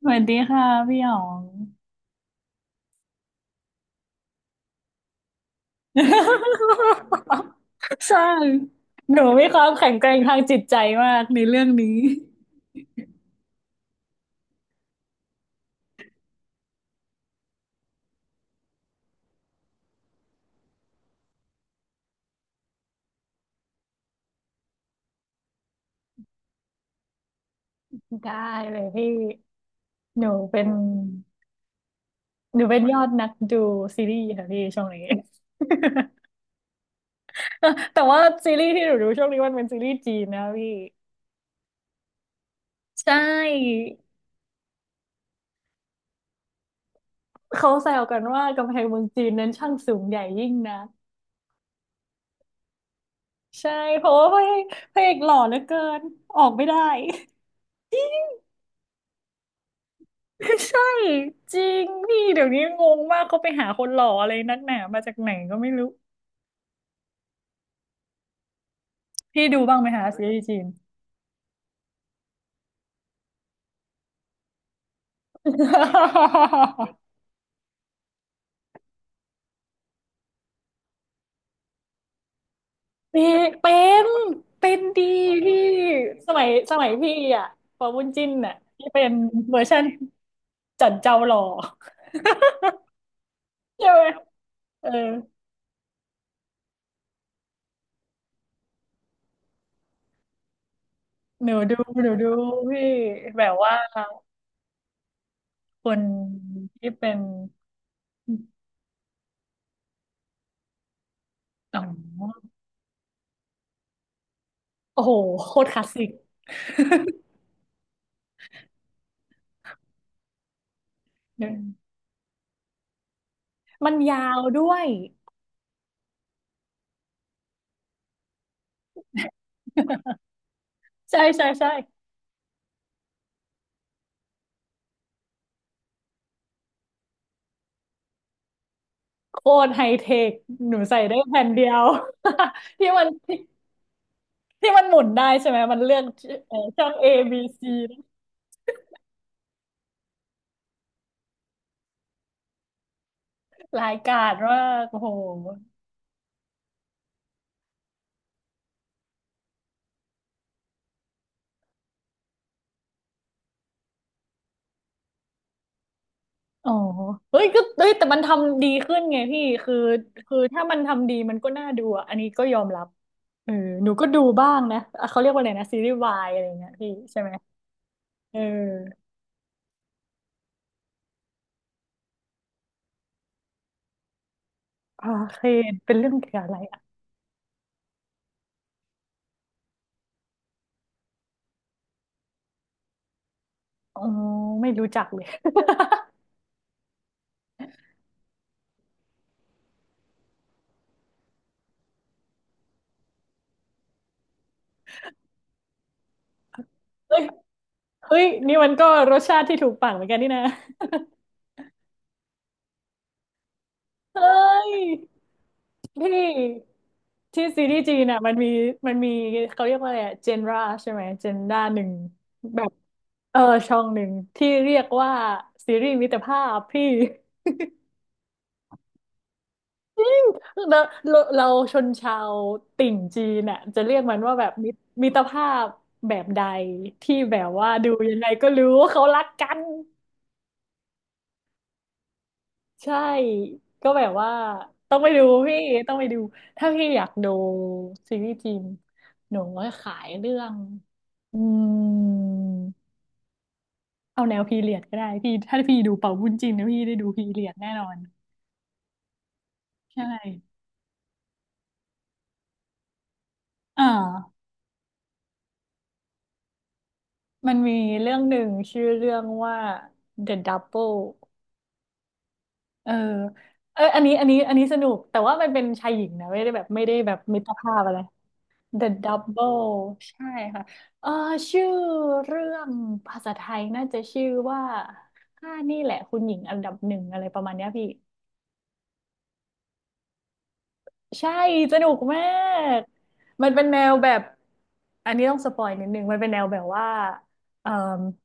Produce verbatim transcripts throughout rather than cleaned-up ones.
สวัสดีค่ะพี่หยอง ใช่หนูมีความแข็งแกร่งทางจิตใจมากในเรื่องนี้ได้เลยพี่หนูเป็นหนูเป็นยอดนักดูซีรีส์ค่ะพี่ช่วงนี้ แต่ว่าซีรีส์ที่หนูดูช่วงนี้มันเป็นซีรีส์จีนนะพี่ใช่เขาแซวกันว่ากำแพงเมืองจีนนั้นช่างสูงใหญ่ยิ่งนะใช่เพราะว่าพระเอกพระเอกหล่อเหลือเกินออกไม่ได้ ใช่จริงนี่เดี๋ยวนี้งงมากเขาไปหาคนหล่ออะไรนักหนามาจากไหนก็ไม่รู้พี่ดูบ้างไหมคะซีรีส์จีน พี่ เป็นเป็นดีพี่สมัยสมัยพี่อ่ะปอบุญจิ้นอ่ะที่เป็นเวอร์ชันจันเจ้าหล่อใช่ไหมเออหนูดูหนูดูพี่แบบว่าคนที่เป็นอ๋อโอ้โหโคตรคลาสสิกมันยาวด้วยใช่ใช่ใช่ โคตรไฮเทคหนูใส่ได้แผ่นเดียว ที่มันที่ที่มันหมุนได้ใช่ไหมมันเลือกเอ่อช่อง เอ บี ซี รายการว่ากโอ้โหอ๋อเฮ้ยก็เฮ้ยแต่มันทำดีขึ้นไงพี่คือคือถ้ามันทำดีมันก็น่าดูอะอันนี้ก็ยอมรับเออหนูก็ดูบ้างนะอ่ะเขาเรียกว่าอะไรนะซีรีส์วายอะไรเงี้ยพี่ใช่ไหมเออโอเคเป็นเรื่องเกี่ยวกับอะไรอะอ๋อไม่รู้จักเลยเฮ้ยเฮ้ยนี่มันก็รสชาติที่ถูกปากเหมือนกันนี่นะเฮ้ย ที่ที่ซีรีส์จีนอ่ะมันมีมันมีเขาเรียกว่าอะไรเจนราใช่ไหมเจนด้าหนึ่งแบบเออช่องหนึ่งที่เรียกว่าซีรีส์มิตรภาพพี่ จริงเราเราเราชนชาวติ่งจีนน่ะจะเรียกมันว่าแบบมิตรมิตรภาพแบบใดที่แบบว่าดูยังไงก็รู้ว่าเขารักกัน ใช่ก็แบบว่าต้องไปดูพี่ต้องไปดูถ้าพี่อยากดูซีรีส์จีนหนูก็ขายเรื่องอืมเอาแนวพีเรียดก็ได้พี่ถ้าพี่ดูเป่าบุญจีนนะพี่ได้ดูพีเรียดแน่นอนใช่อ่ามันมีเรื่องหนึ่งชื่อเรื่องว่า The Double เออเอออันนี้อันนี้อันนี้สนุกแต่ว่ามันเป็นชายหญิงนะไม่ได้แบบไม่ได้แบบมิตรภาพอะไร The Double ใช่ค่ะเออชื่อเรื่องภาษาไทยน่าจะชื่อว่าข้านี่แหละคุณหญิงอันดับหนึ่งอะไรประมาณเนี้ยพี่ใช่สนุกมาก มันเป็นแนวแบบ อันนี้ต้องสปอยนิดนึง มันเป็นแนวแบบว่าเอ่อ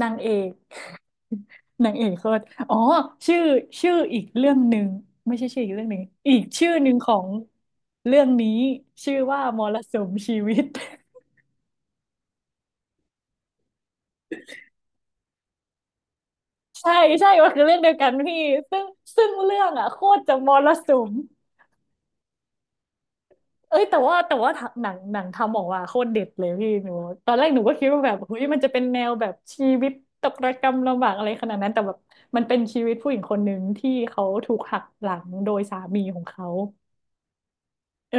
นางเอก นางเอกโคตรอ๋อชื่อชื่ออีกเรื่องหนึ่งไม่ใช่ชื่ออีกเรื่องหนึ่งอีกชื่อหนึ่งของเรื่องนี้ชื่อว่ามรสุมชีวิต ใช่ใช่มันคือเรื่องเดียวกันพี่ ซึ่งซึ่งเรื่องอ่ะโคตรจะมรสุมเอ้ยแต่ว่าแต่ว่าหนังหนังทำออกมาโคตรเด็ดเลยพี่หนูตอนแรกหนูก็คิดว่าแบบเฮ้ยมันจะเป็นแนวแบบชีวิตตกระกำลำบากอะไรขนาดนั้นแต่แบบมันเป็นชีวิตผู้หญิงคนหนึ่งที่เขาถูกหักหลังโดยสามีของเขาเออ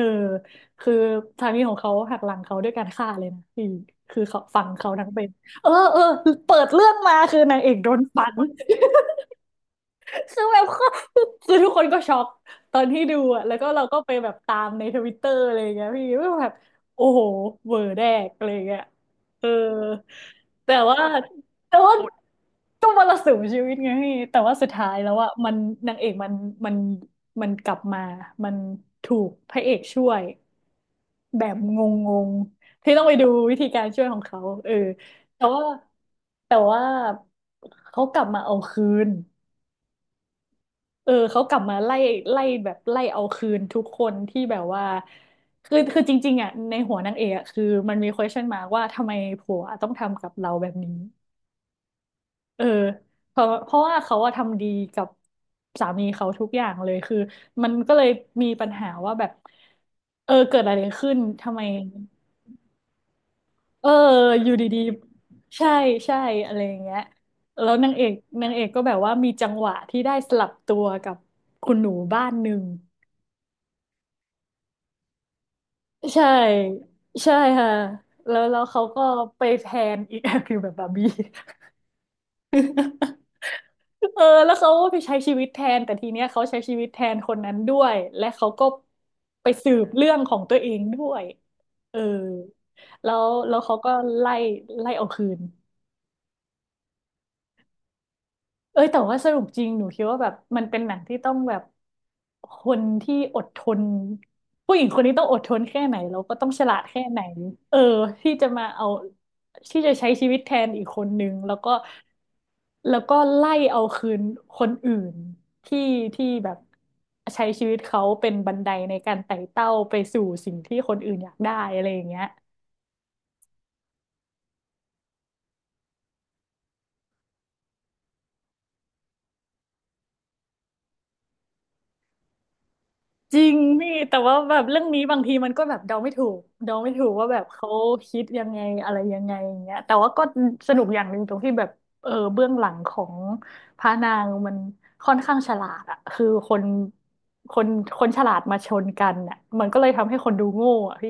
คือสามีของเขาหักหลังเขาด้วยการฆ่าเลยนะพี่คือเขาฝังเขาทั้งเป็นเออเออเปิดเรื่องมาคือนางเอกโดนฝัง คือแบบ คือทุกคนก็ช็อกตอนที่ดูอ่ะแล้วก็เราก็ไปแบบตามในทวิตเตอร์อะไรอย่างเงี้ยพี่ว่าแบบโอ้โหเวอร์แดกอะไรอย่างเงี้ยเออแต่ว่าแต่ว่าก็มรสุมชีวิตไงพี่แต่ว่าสุดท้ายแล้วอ่ะมันนางเอกมันมันมันกลับมามันถูกพระเอกช่วยแบบงงๆที่ต้องไปดูวิธีการช่วยของเขาเออแต่ว่าแต่ว่าเขากลับมาเอาคืน เออเขากลับมาไล่ไล่แบบไล่เอาคืนทุกคนที่แบบว่าคือคือจริงๆอ่ะในหัวนางเอกอะคือมันมี เควสชั่น มาร์ก ว่าทำไมผัวต้องทำกับเราแบบนี้เออเพราะเพราะว่าเขาอะทำดีกับสามีเขาทุกอย่างเลยคือมันก็เลยมีปัญหาว่าแบบเออเกิดอะไรขึ้นทำไมเอออยู่ดีๆใช่ใช่อะไรอย่างเงี้ยแล้วนางเอกนางเอกก็แบบว่ามีจังหวะที่ได้สลับตัวกับคุณหนูบ้านหนึ่ง ใช่ใช่ค่ะแล้วแล้วเขาก็ไปแทนอีก คือแบบบาร์บี้ เออแล้วเขาก็ไปใช้ชีวิตแทนแต่ทีเนี้ยเขาใช้ชีวิตแทนคนนั้นด้วยและเขาก็ไปสืบเรื่องของตัวเองด้วยเออแล้วแล้วเขาก็ไล่ไล่เอาคืน เอ้ยแต่ว่าสรุปจริงหนูคิดว่าแบบมันเป็นหนังที่ต้องแบบคนที่อดทนผู้หญิงคนนี้ต้องอดทนแค่ไหนแล้วก็ต้องฉลาดแค่ไหนเออที่จะมาเอาที่จะใช้ชีวิตแทนอีกคนนึงแล้วก็แล้วก็ไล่เอาคืนคนอื่นที่ที่แบบใช้ชีวิตเขาเป็นบันไดในการไต่เต้าไปสู่สิ่งที่คนอื่นอยากได้อะไรอย่างเงี้ย จริงพี่แต่ว่าแบบเรื่องนี้บางทีมันก็แบบเดาไม่ถูกเดาไม่ถูกว่าแบบเขาคิดยังไงอะไรยังไงอย่างเงี้ยแต่ว่าก็สนุกอย่างหนึ่งตรงที่แบบเออเบื้องหลังของพระนางมันค่อนข้างฉลาดอะคือคนคนคนฉลาดมาชนกันอะมันก็เลยทำให้คนดูโง่อะพี่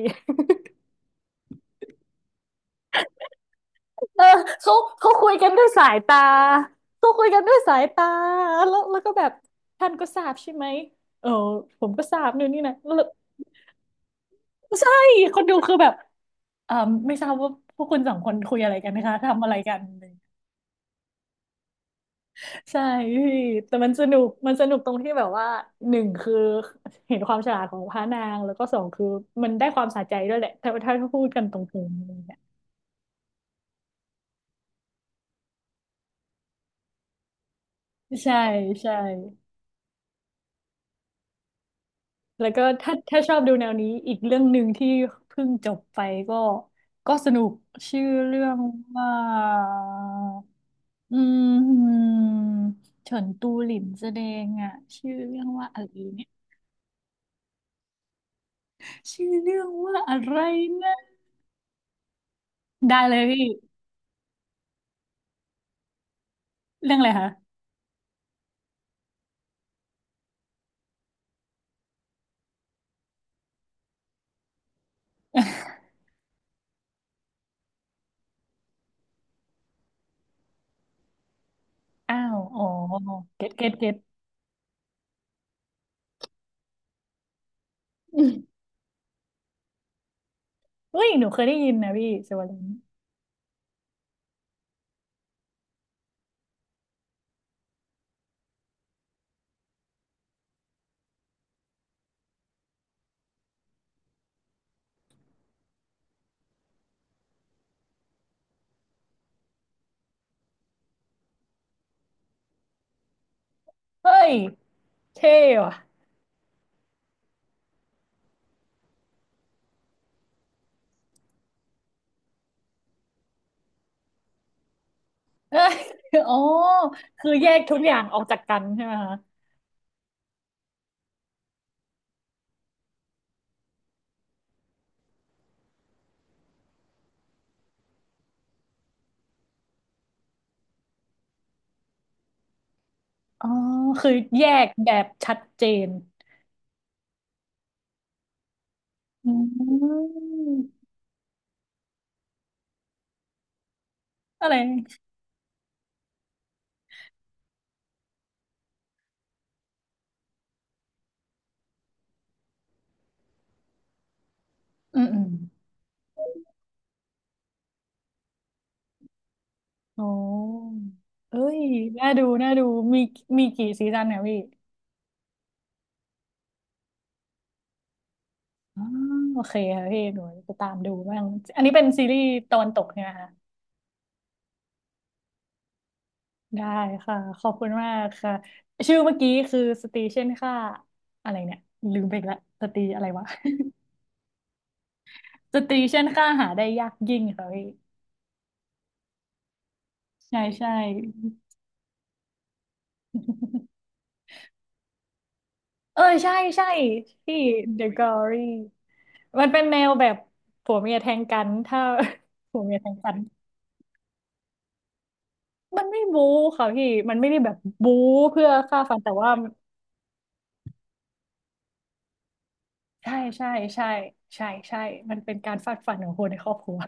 เออเขาเขาคุยกันด้วยสายตาเขาคุยกันด้วยสายตาแล้วแล้วก็แบบท่านก็ทราบใช่ไหมเออผมก็ทราบนู่นนี่นะแล้วใช่คนดูคือแบบ เอ่อไม่ทราบว่าพวกคุณสองคนคุยอะไรกันนะคะทำอะไรกันใช่พี่แต่มันสนุกมันสนุกตรงที่แบบว่าหนึ่งคือเห็นความฉลาดของพระนางแล้วก็สองคือมันได้ความสะใจด้วยแหละถ้าถ้าพูดกันตรงๆอะไรเงี้ยใช่ใช่แล้วก็ถ้าถ้าชอบดูแนวนี้อีกเรื่องหนึ่งที่เพิ่งจบไปก็ก็สนุกชื่อเรื่องว่าอืมเฉินตูหลินแสดงอ่ะชื่อเรื่องว่าอะไรเนี่ย ชื่อเรื่องว่าอะไรนะได้เลยพี่เรื่องอะไรคะอ้าวอ๋อเก็ต เก็ตเก็ตอืมเฮ้ยหนูเคยได้ยินนะพี่เซเวอร์ลินเฮ้ยเท่ว่ะ เอ้ยอ๋อคือแยกทุกอย่างออกจากกันใช่ไหมคะอ๋อคือแยกแบบชัดเจนอืมอะไรอืมอืมอ๋อเอ้ยน่าดูน่าดูมีมีกี่ซีซั่นเนี่ยพี่ อ๋อโอเคค่ะพี่หนูจะตามดูบ้างอันนี้เป็นซีรีส์ตะวันตกเนี่ยนะคะได้ค่ะขอบคุณมากค่ะชื่อเมื่อกี้คือสตรีเช่นค่าอะไรเนี่ยลืมไปอีกละสตรีอะไรวะ สตรีเช่นค่าหาได้ยากยิ่งค่ะพี่ใช่ใช่ เออใช่ใช่ที่ เดอะ กลอรี่ มันเป็นแนวแบบผัวเมียแทงกันถ้า ผัวเมียแทงกันมันไม่บู๊ค่ะพี่มันไม่ได้แบบบู๊เพื่อฆ่าฟันแต่ว่า ใช่ใช่ใช่ใช่ใช่ มันเป็นการฟาดฟันของคนในครอบครัว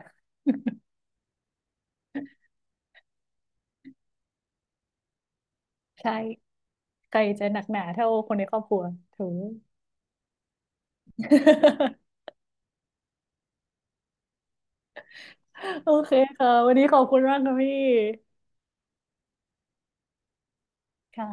ใช่ใครจะหนักหนาเท่าคนในครอบครัวถูก โอเคค่ะวันนี้ขอบคุณมากค่ะพี่ค่ะ